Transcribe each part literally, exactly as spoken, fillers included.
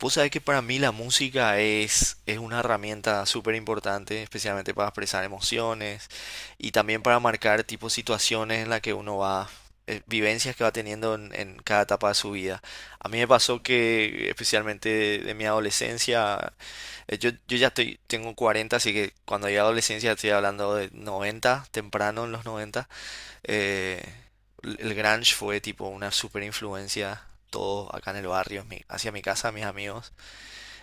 Vos sabés que para mí la música es, es una herramienta súper importante, especialmente para expresar emociones y también para marcar tipo situaciones en las que uno va, eh, vivencias que va teniendo en, en cada etapa de su vida. A mí me pasó que, especialmente de, de mi adolescencia, eh, yo, yo ya estoy, tengo cuarenta, así que cuando llegué a la adolescencia estoy hablando de noventa temprano en los noventa. Eh, el el grunge fue tipo una súper influencia. Todo acá en el barrio, en mi- hacia mi casa, mis amigos.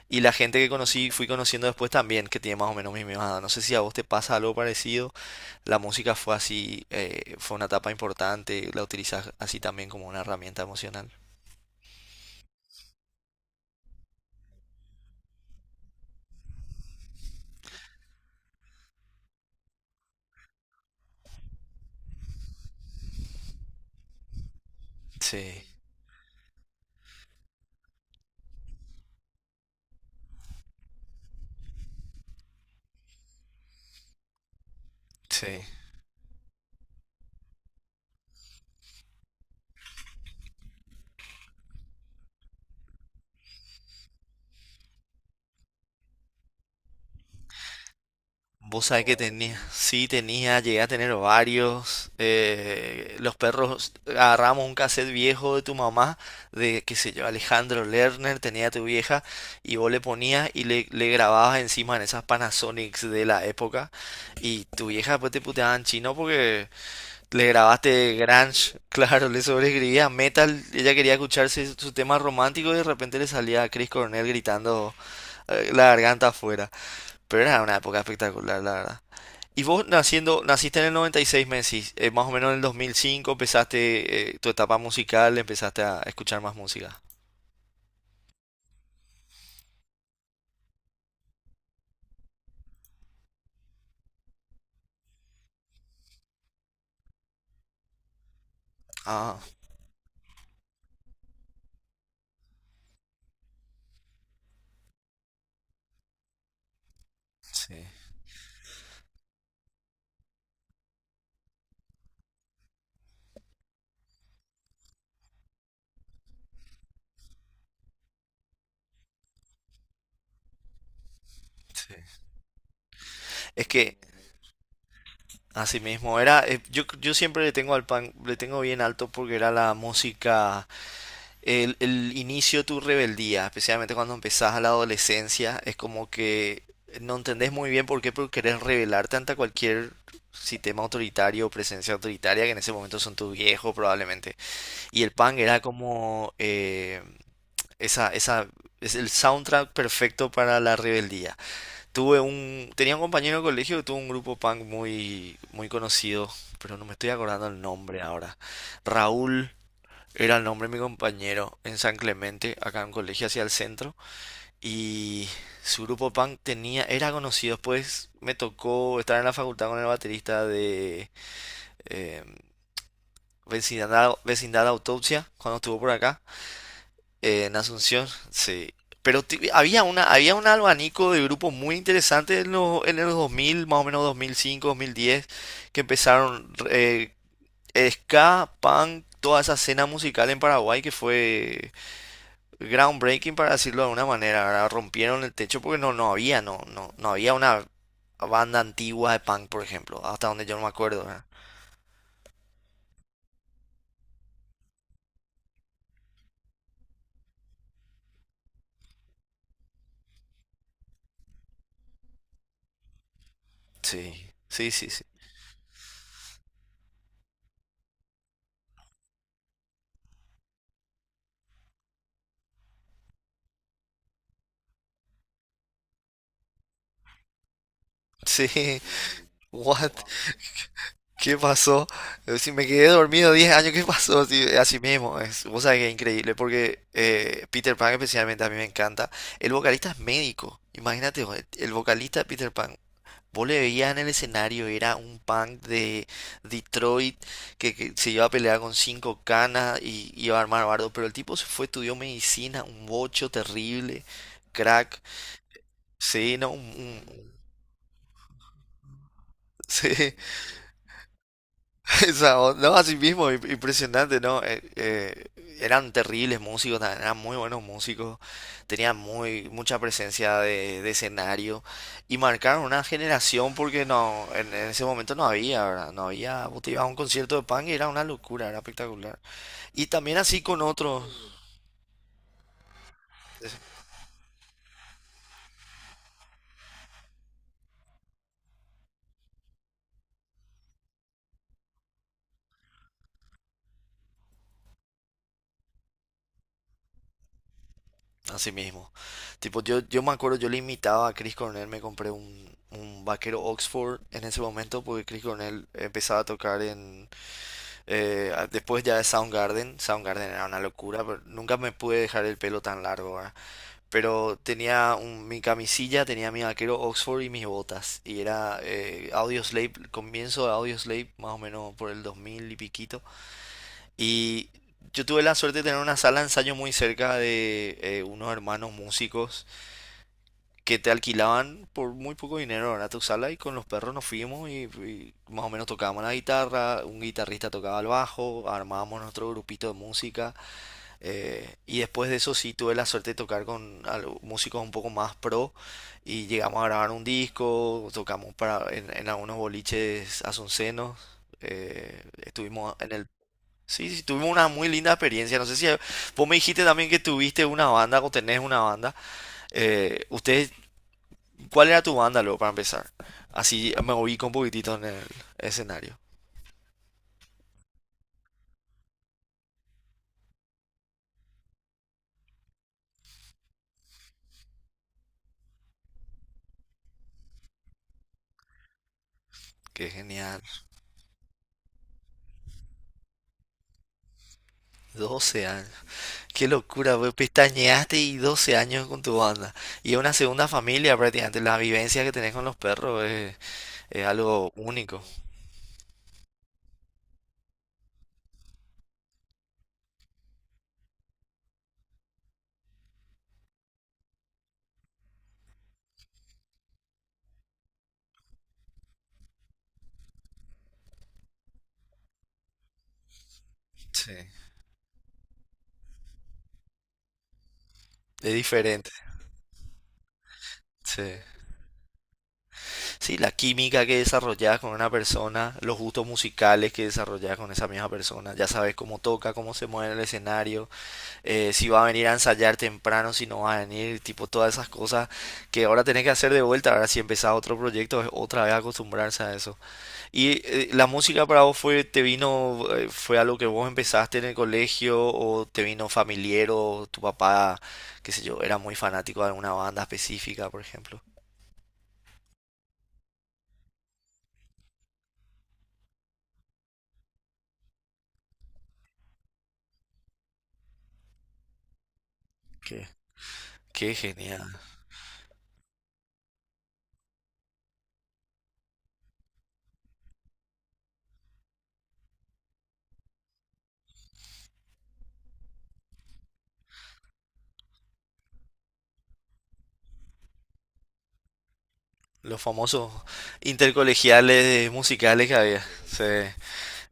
Y la gente que conocí, fui conociendo después también, que tiene más o menos mi misma edad. No sé si a vos te pasa algo parecido. La música fue así, eh, fue una etapa importante. La utilizas así también como una herramienta emocional. Sí, sí. Vos sabés que tenía, sí, tenía, llegué a tener varios. eh, los perros, agarramos un cassette viejo de tu mamá, de, qué sé yo, Alejandro Lerner, tenía tu vieja, y vos le ponías y le, le grababas encima en esas Panasonics de la época. Y tu vieja después te puteaba en chino porque le grabaste grunge, claro, le sobreescribía metal, ella quería escucharse su su tema romántico y de repente le salía a Chris Cornell gritando, eh, la garganta afuera. Pero era una época espectacular, la verdad. Y vos naciendo, naciste en el noventa y seis, me decís, eh, más o menos en el dos mil cinco empezaste, eh, tu etapa musical, empezaste a escuchar más música. Ah, sí, sí. Es que así mismo era. Eh, yo, yo siempre le tengo al pan, le tengo bien alto porque era la música, el, el inicio de tu rebeldía, especialmente cuando empezás a la adolescencia. Es como que no entendés muy bien por qué, pero querés rebelarte ante cualquier sistema autoritario o presencia autoritaria que en ese momento son tus viejos probablemente. Y el punk era como, eh, esa, esa, es el soundtrack perfecto para la rebeldía. Tuve un, tenía un compañero de colegio que tuvo un grupo punk muy, muy conocido, pero no me estoy acordando el nombre ahora. Raúl era el nombre de mi compañero en San Clemente, acá en un colegio hacia el centro, y su grupo punk tenía, era conocido. Después me tocó estar en la facultad con el baterista de, eh, Vecindad, Vecindad Autopsia, cuando estuvo por acá. Eh, en Asunción, sí. Pero ti- había una, había un abanico de grupos muy interesantes en los, en los dos mil, más o menos dos mil cinco, dos mil diez, que empezaron, eh, ska, punk, toda esa escena musical en Paraguay que fue groundbreaking, para decirlo de alguna manera, ¿verdad? Rompieron el techo porque no, no había, no, no, no había una banda antigua de punk, por ejemplo, hasta donde yo no me acuerdo, ¿verdad? Sí, sí, sí, sí. Sí. What? ¿Qué pasó? Eh, Si me quedé dormido diez años, ¿qué pasó? Así, así mismo es. Vos sabés que es increíble, porque, eh, Peter Pan especialmente a mí me encanta. El vocalista es médico, imagínate, vos, el vocalista de Peter Pan. Vos le veías en el escenario, era un punk de Detroit que, que se iba a pelear con cinco canas y iba a armar bardo, pero el tipo se fue, estudió medicina, un bocho terrible, crack. Sí, no, un, un- sí. Esa on- no, así mismo, im- impresionante, ¿no? Eh, eh, eran terribles músicos, ta- eran muy buenos músicos, tenían muy, mucha presencia de, de escenario y marcaron una generación porque no, en, en ese momento no había, ¿verdad? No había, vos te ibas a un concierto de punk y era una locura, era espectacular. Y también así con otros, así mismo. Tipo, yo, yo me acuerdo, yo le imitaba a Chris Cornell, me compré un, un vaquero Oxford en ese momento porque Chris Cornell empezaba a tocar en... Eh, a- después ya de Soundgarden, Soundgarden era una locura, pero nunca me pude dejar el pelo tan largo, ¿verdad? Pero tenía un- mi camisilla, tenía mi vaquero Oxford y mis botas. Y era, eh, Audioslave, comienzo de Audioslave, más o menos por el dos mil y piquito. Y yo tuve la suerte de tener una sala de ensayo muy cerca de, eh, unos hermanos músicos que te alquilaban por muy poco dinero, ¿verdad? Tu sala y con los perros nos fuimos y, y más o menos tocábamos la guitarra, un guitarrista tocaba el bajo, armábamos nuestro grupito de música, eh, y después de eso sí tuve la suerte de tocar con al- músicos un poco más pro y llegamos a grabar un disco, tocamos para en, en algunos boliches asuncenos, eh, estuvimos en el... Sí, sí, tuvimos una muy linda experiencia. No sé si vos me dijiste también que tuviste una banda o tenés una banda. Eh, ¿ustedes ¿Cuál era tu banda luego para empezar? Así me ubico un poquitito en el escenario. Qué genial. Doce años. Qué locura, pues pestañeaste y doce años con tu banda. Y es una segunda familia prácticamente. La vivencia que tenés con los perros es, es algo único. Sí. Es diferente. Sí. Sí, la química que desarrollas con una persona, los gustos musicales que desarrollas con esa misma persona. Ya sabes cómo toca, cómo se mueve en el escenario. Eh, si va a venir a ensayar temprano, si no va a venir, tipo todas esas cosas que ahora tenés que hacer de vuelta. Ahora, si empezás otro proyecto, es otra vez acostumbrarse a eso. ¿Y eh, la música para vos fue, te vino, eh, fue algo que vos empezaste en el colegio o te vino familiar o tu papá, qué sé yo, era muy fanático de alguna banda específica, por ejemplo? Qué, qué genial. Los famosos intercolegiales musicales que había. Sí,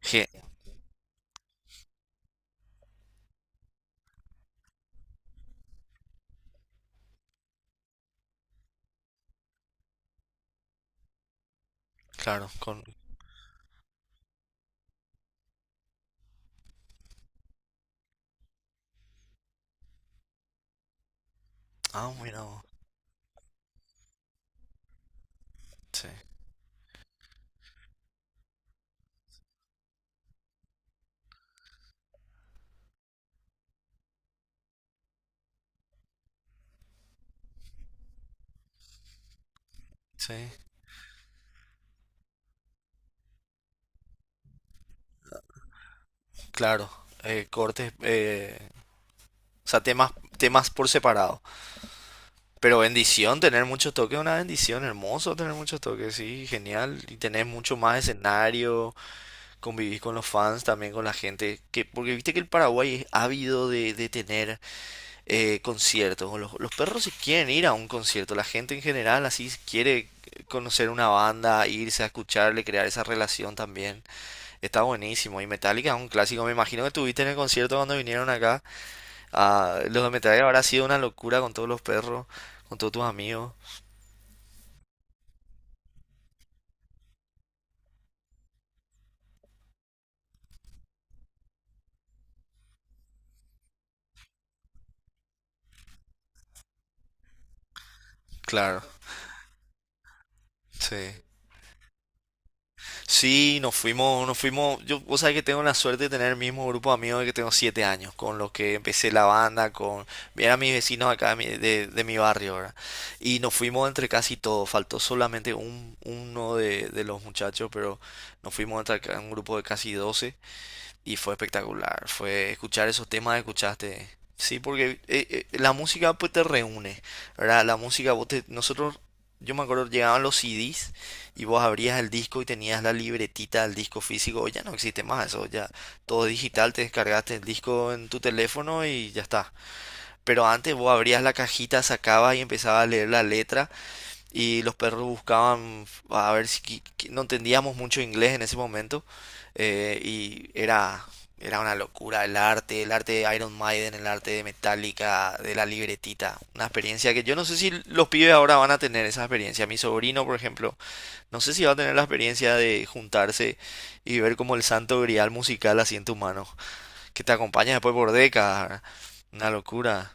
ge- claro, con... Ah, mira vos. Sí, sí. Claro, eh, cortes, eh, o sea, temas, temas por separado. Pero bendición, tener muchos toques es una bendición, hermoso tener muchos toques, sí, genial. Y tener mucho más escenario, convivir con los fans, también con la gente. Que, porque viste que el Paraguay es ávido de, de tener, eh, conciertos. Los, los perros si quieren ir a un concierto, la gente en general así si quiere conocer una banda, irse a escucharle, crear esa relación también. Está buenísimo. Y Metallica es un clásico, me imagino que tuviste en el concierto cuando vinieron acá. Ah, los documentales habrá sido una locura con todos los perros, con todos tus amigos. Claro, sí. Sí, nos fuimos, nos fuimos. Yo, vos sabés que tengo la suerte de tener el mismo grupo de amigos que tengo siete años, con los que empecé la banda, con, eran mis vecinos acá de mi, de- de mi barrio, ¿verdad? Y nos fuimos entre casi todos, faltó solamente un, uno de, de los muchachos, pero nos fuimos entre acá un grupo de casi doce. Y fue espectacular. Fue escuchar esos temas que escuchaste. Sí, porque eh, eh, la música pues te reúne, ¿verdad? La música, vos te- nosotros, yo me acuerdo, llegaban los C Ds y vos abrías el disco y tenías la libretita del disco físico. Hoy ya no existe más eso, ya todo digital, te descargaste el disco en tu teléfono y ya está. Pero antes vos abrías la cajita, sacabas y empezabas a leer la letra y los perros buscaban a ver si qui- qui- no entendíamos mucho inglés en ese momento, eh, y era era una locura el arte, el arte de Iron Maiden, el arte de Metallica, de la libretita, una experiencia que yo no sé si los pibes ahora van a tener esa experiencia. Mi sobrino, por ejemplo, no sé si va a tener la experiencia de juntarse y ver como el santo grial musical así en tus manos, que te acompaña después por décadas. ¿Verdad? Una locura,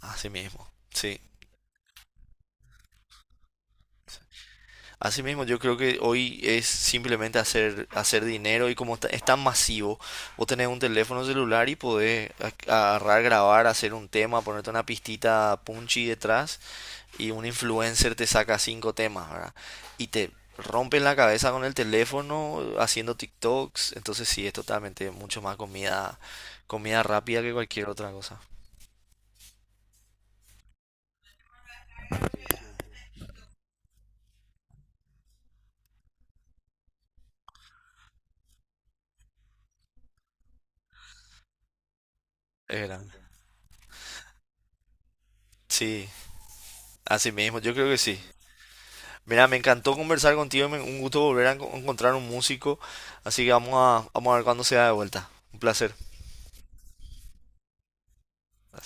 así mismo. Sí. Asimismo, yo creo que hoy es simplemente hacer, hacer dinero y como está, es tan masivo, vos tenés un teléfono celular y podés, a- agarrar, grabar, hacer un tema, ponerte una pistita punchy detrás y un influencer te saca cinco temas, ¿verdad? Y te rompen la cabeza con el teléfono haciendo TikToks, entonces sí, es totalmente mucho más comida, comida, rápida que cualquier otra cosa. Es grande. Sí, así mismo, yo creo que sí. Mira, me encantó conversar contigo, me- un gusto volver a enco- encontrar un músico, así que vamos a, vamos a ver cuándo se da de vuelta. Un placer.